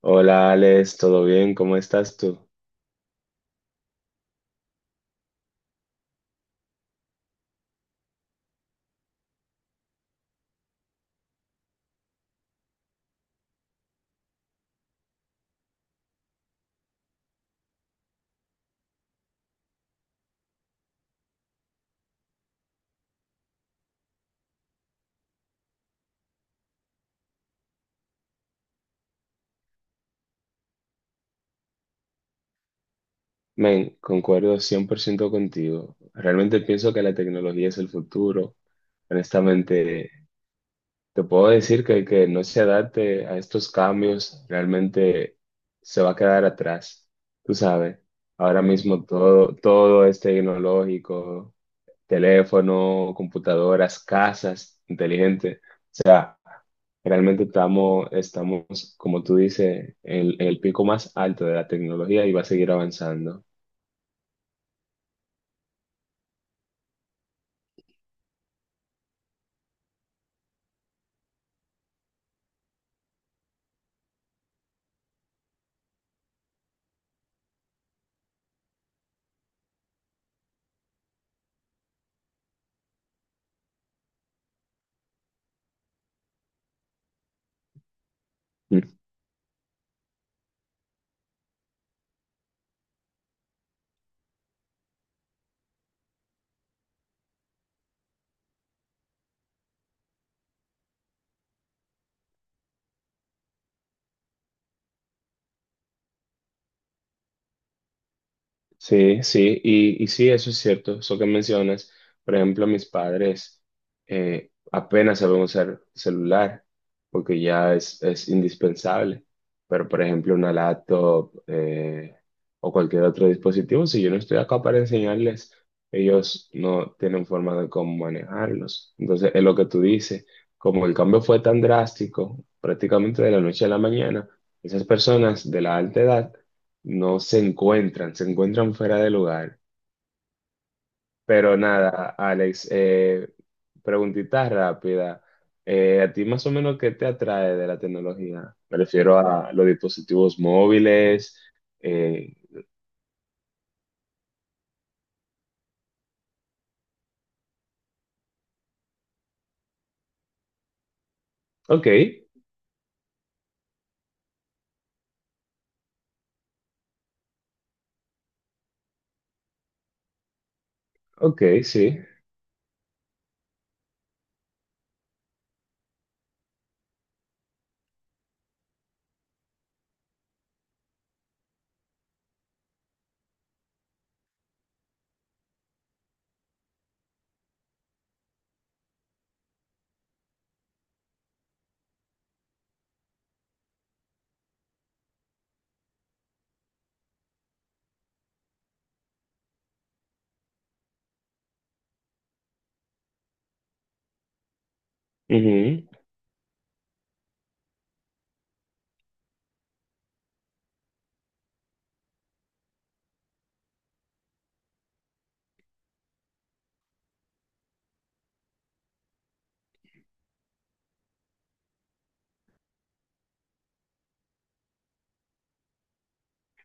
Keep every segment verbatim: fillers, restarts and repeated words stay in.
Hola Alex, ¿todo bien? ¿Cómo estás tú? Men, concuerdo cien por ciento contigo. Realmente pienso que la tecnología es el futuro. Honestamente, te puedo decir que el que no se adapte a estos cambios realmente se va a quedar atrás. Tú sabes, ahora mismo todo, todo es tecnológico, teléfono, computadoras, casas inteligentes. Realmente estamos, estamos, como tú dices, en, en el pico más alto de la tecnología y va a seguir avanzando. Sí, sí, y, y sí, eso es cierto, eso que mencionas. Por ejemplo, mis padres eh, apenas saben usar celular porque ya es, es indispensable. Pero, por ejemplo, una laptop eh, o cualquier otro dispositivo, si yo no estoy acá para enseñarles, ellos no tienen forma de cómo manejarlos. Entonces, es lo que tú dices, como el cambio fue tan drástico, prácticamente de la noche a la mañana, esas personas de la alta edad no se encuentran, se encuentran fuera de lugar. Pero nada, Alex, eh, preguntita rápida. Eh, ¿a ti más o menos qué te atrae de la tecnología? Me refiero a los dispositivos móviles. eh, ok, ok, sí.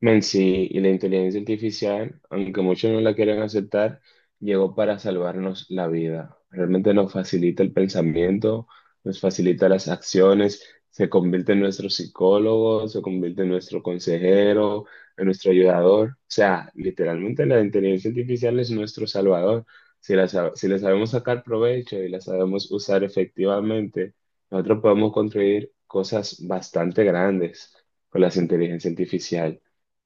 Men, sí, y la inteligencia artificial, aunque muchos no la quieran aceptar, llegó para salvarnos la vida. Realmente nos facilita el pensamiento, nos facilita las acciones, se convierte en nuestro psicólogo, se convierte en nuestro consejero, en nuestro ayudador. O sea, literalmente la inteligencia artificial es nuestro salvador. Si la, sa- si le sabemos sacar provecho y la sabemos usar efectivamente, nosotros podemos construir cosas bastante grandes con la inteligencia artificial.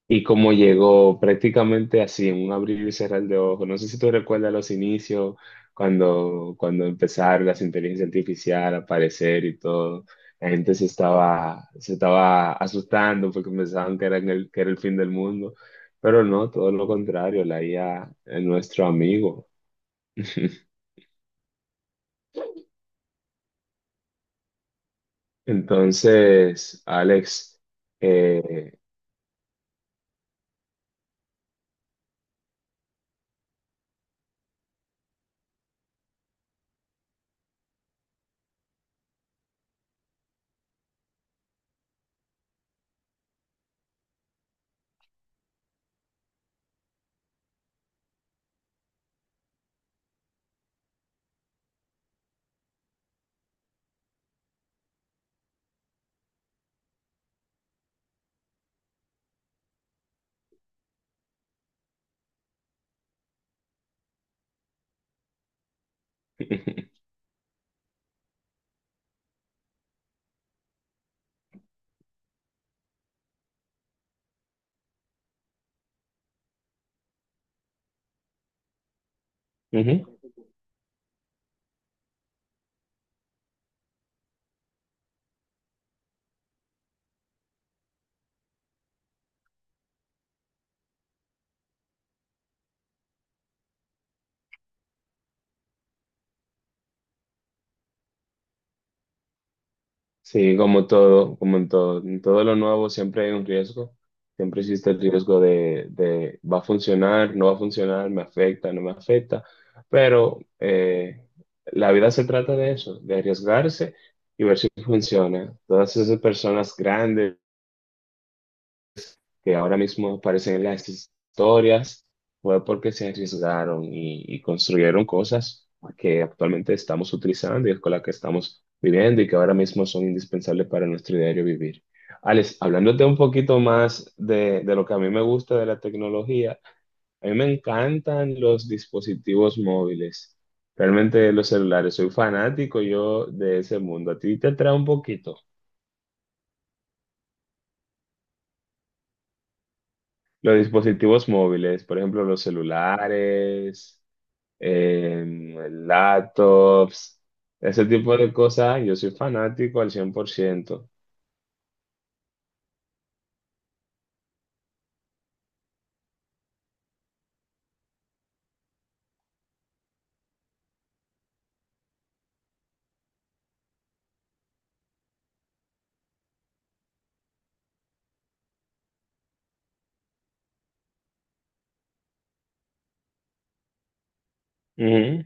Y cómo llegó prácticamente así, en un abrir y cerrar de ojos. No sé si tú recuerdas los inicios, cuando, cuando empezaron las inteligencias artificiales a aparecer y todo. La gente se estaba, se estaba asustando porque pensaban que era, el, que era el fin del mundo. Pero no, todo lo contrario, la I A es nuestro amigo. Entonces, Alex, eh, Sí, como todo, como en todo, en todo lo nuevo siempre hay un riesgo, siempre existe el riesgo de, de va a funcionar, no va a funcionar, me afecta, no me afecta, pero eh, la vida se trata de eso, de arriesgarse y ver si funciona. Todas esas personas grandes que ahora mismo aparecen en las historias, fue porque se arriesgaron y, y construyeron cosas que actualmente estamos utilizando y con las que estamos viviendo y que ahora mismo son indispensables para nuestro diario vivir. Alex, hablándote un poquito más de, de lo que a mí me gusta de la tecnología, a mí me encantan los dispositivos móviles, realmente los celulares, soy fanático yo de ese mundo. ¿A ti te atrae un poquito? Los dispositivos móviles, por ejemplo, los celulares, em, laptops, ese tipo de cosas. Yo soy fanático al cien por ciento. Ujú.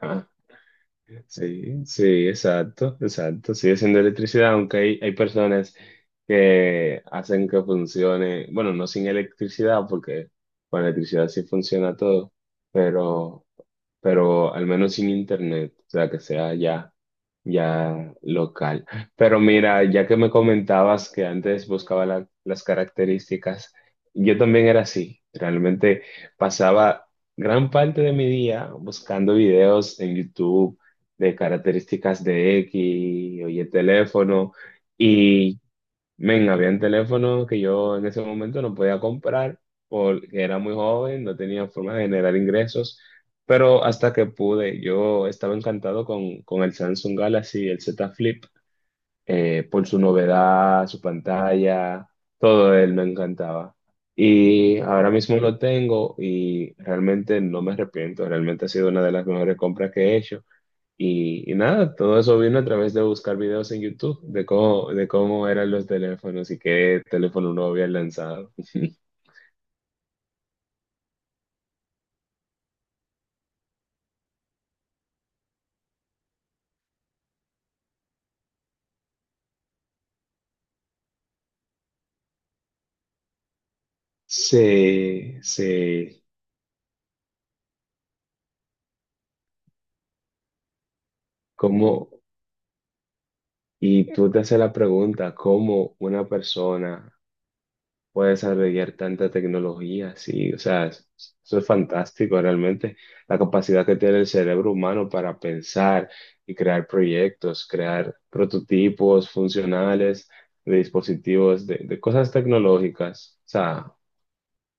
Ajá. Sí, sí, exacto, exacto. Sigue siendo electricidad, aunque hay, hay personas que hacen que funcione, bueno, no sin electricidad, porque con electricidad sí funciona todo, pero, pero al menos sin internet, o sea, que sea ya. ya local. Pero mira, ya que me comentabas que antes buscaba la- las características, yo también era así. Realmente pasaba gran parte de mi día buscando videos en YouTube de características de X, oye, teléfono, Men, habían teléfonos que yo en ese momento no podía comprar porque era muy joven, no tenía forma de generar ingresos, pero hasta que pude, yo estaba encantado con, con el Samsung Galaxy, el Z Flip, eh, por su novedad, su pantalla, todo él me encantaba. Y ahora mismo lo tengo y realmente no me arrepiento, realmente ha sido una de las mejores compras que he hecho. Y, y nada, todo eso vino a través de buscar videos en YouTube de cómo, de cómo eran los teléfonos y qué teléfono uno había lanzado. Sí, sí. ¿Cómo? Y tú te haces la pregunta, ¿cómo una persona puedes albergar tanta tecnología, sí, o sea, es- eso es fantástico realmente, la capacidad que tiene el cerebro humano para pensar y crear proyectos, crear prototipos funcionales de dispositivos, de, de cosas tecnológicas, o sea,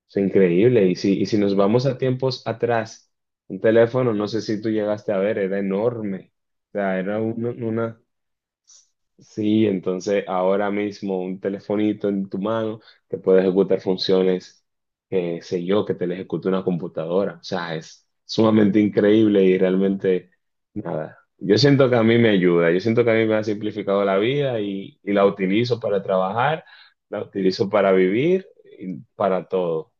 es increíble. Y si, y si nos vamos a tiempos atrás, un teléfono, no sé si tú llegaste a ver, era enorme, o sea, era un- una... Sí, entonces ahora mismo un telefonito en tu mano te puede ejecutar funciones, que sé yo, que te le ejecute una computadora. O sea, es sumamente increíble y realmente nada. Yo siento que a mí me ayuda, yo siento que a mí me ha simplificado la vida y, y la utilizo para trabajar, la utilizo para vivir y para todo.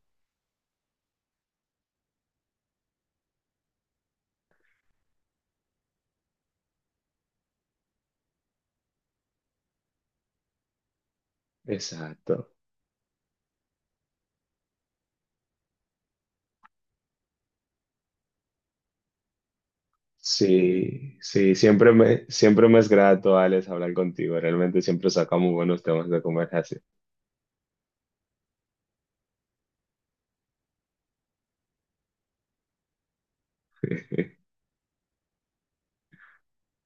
Exacto. Sí, sí, siempre me, siempre me es grato, Alex, hablar contigo. Realmente siempre sacamos buenos temas de conversación.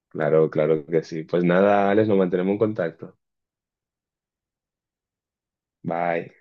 Claro, claro que sí. Pues nada, Alex, nos mantenemos en contacto. Bye.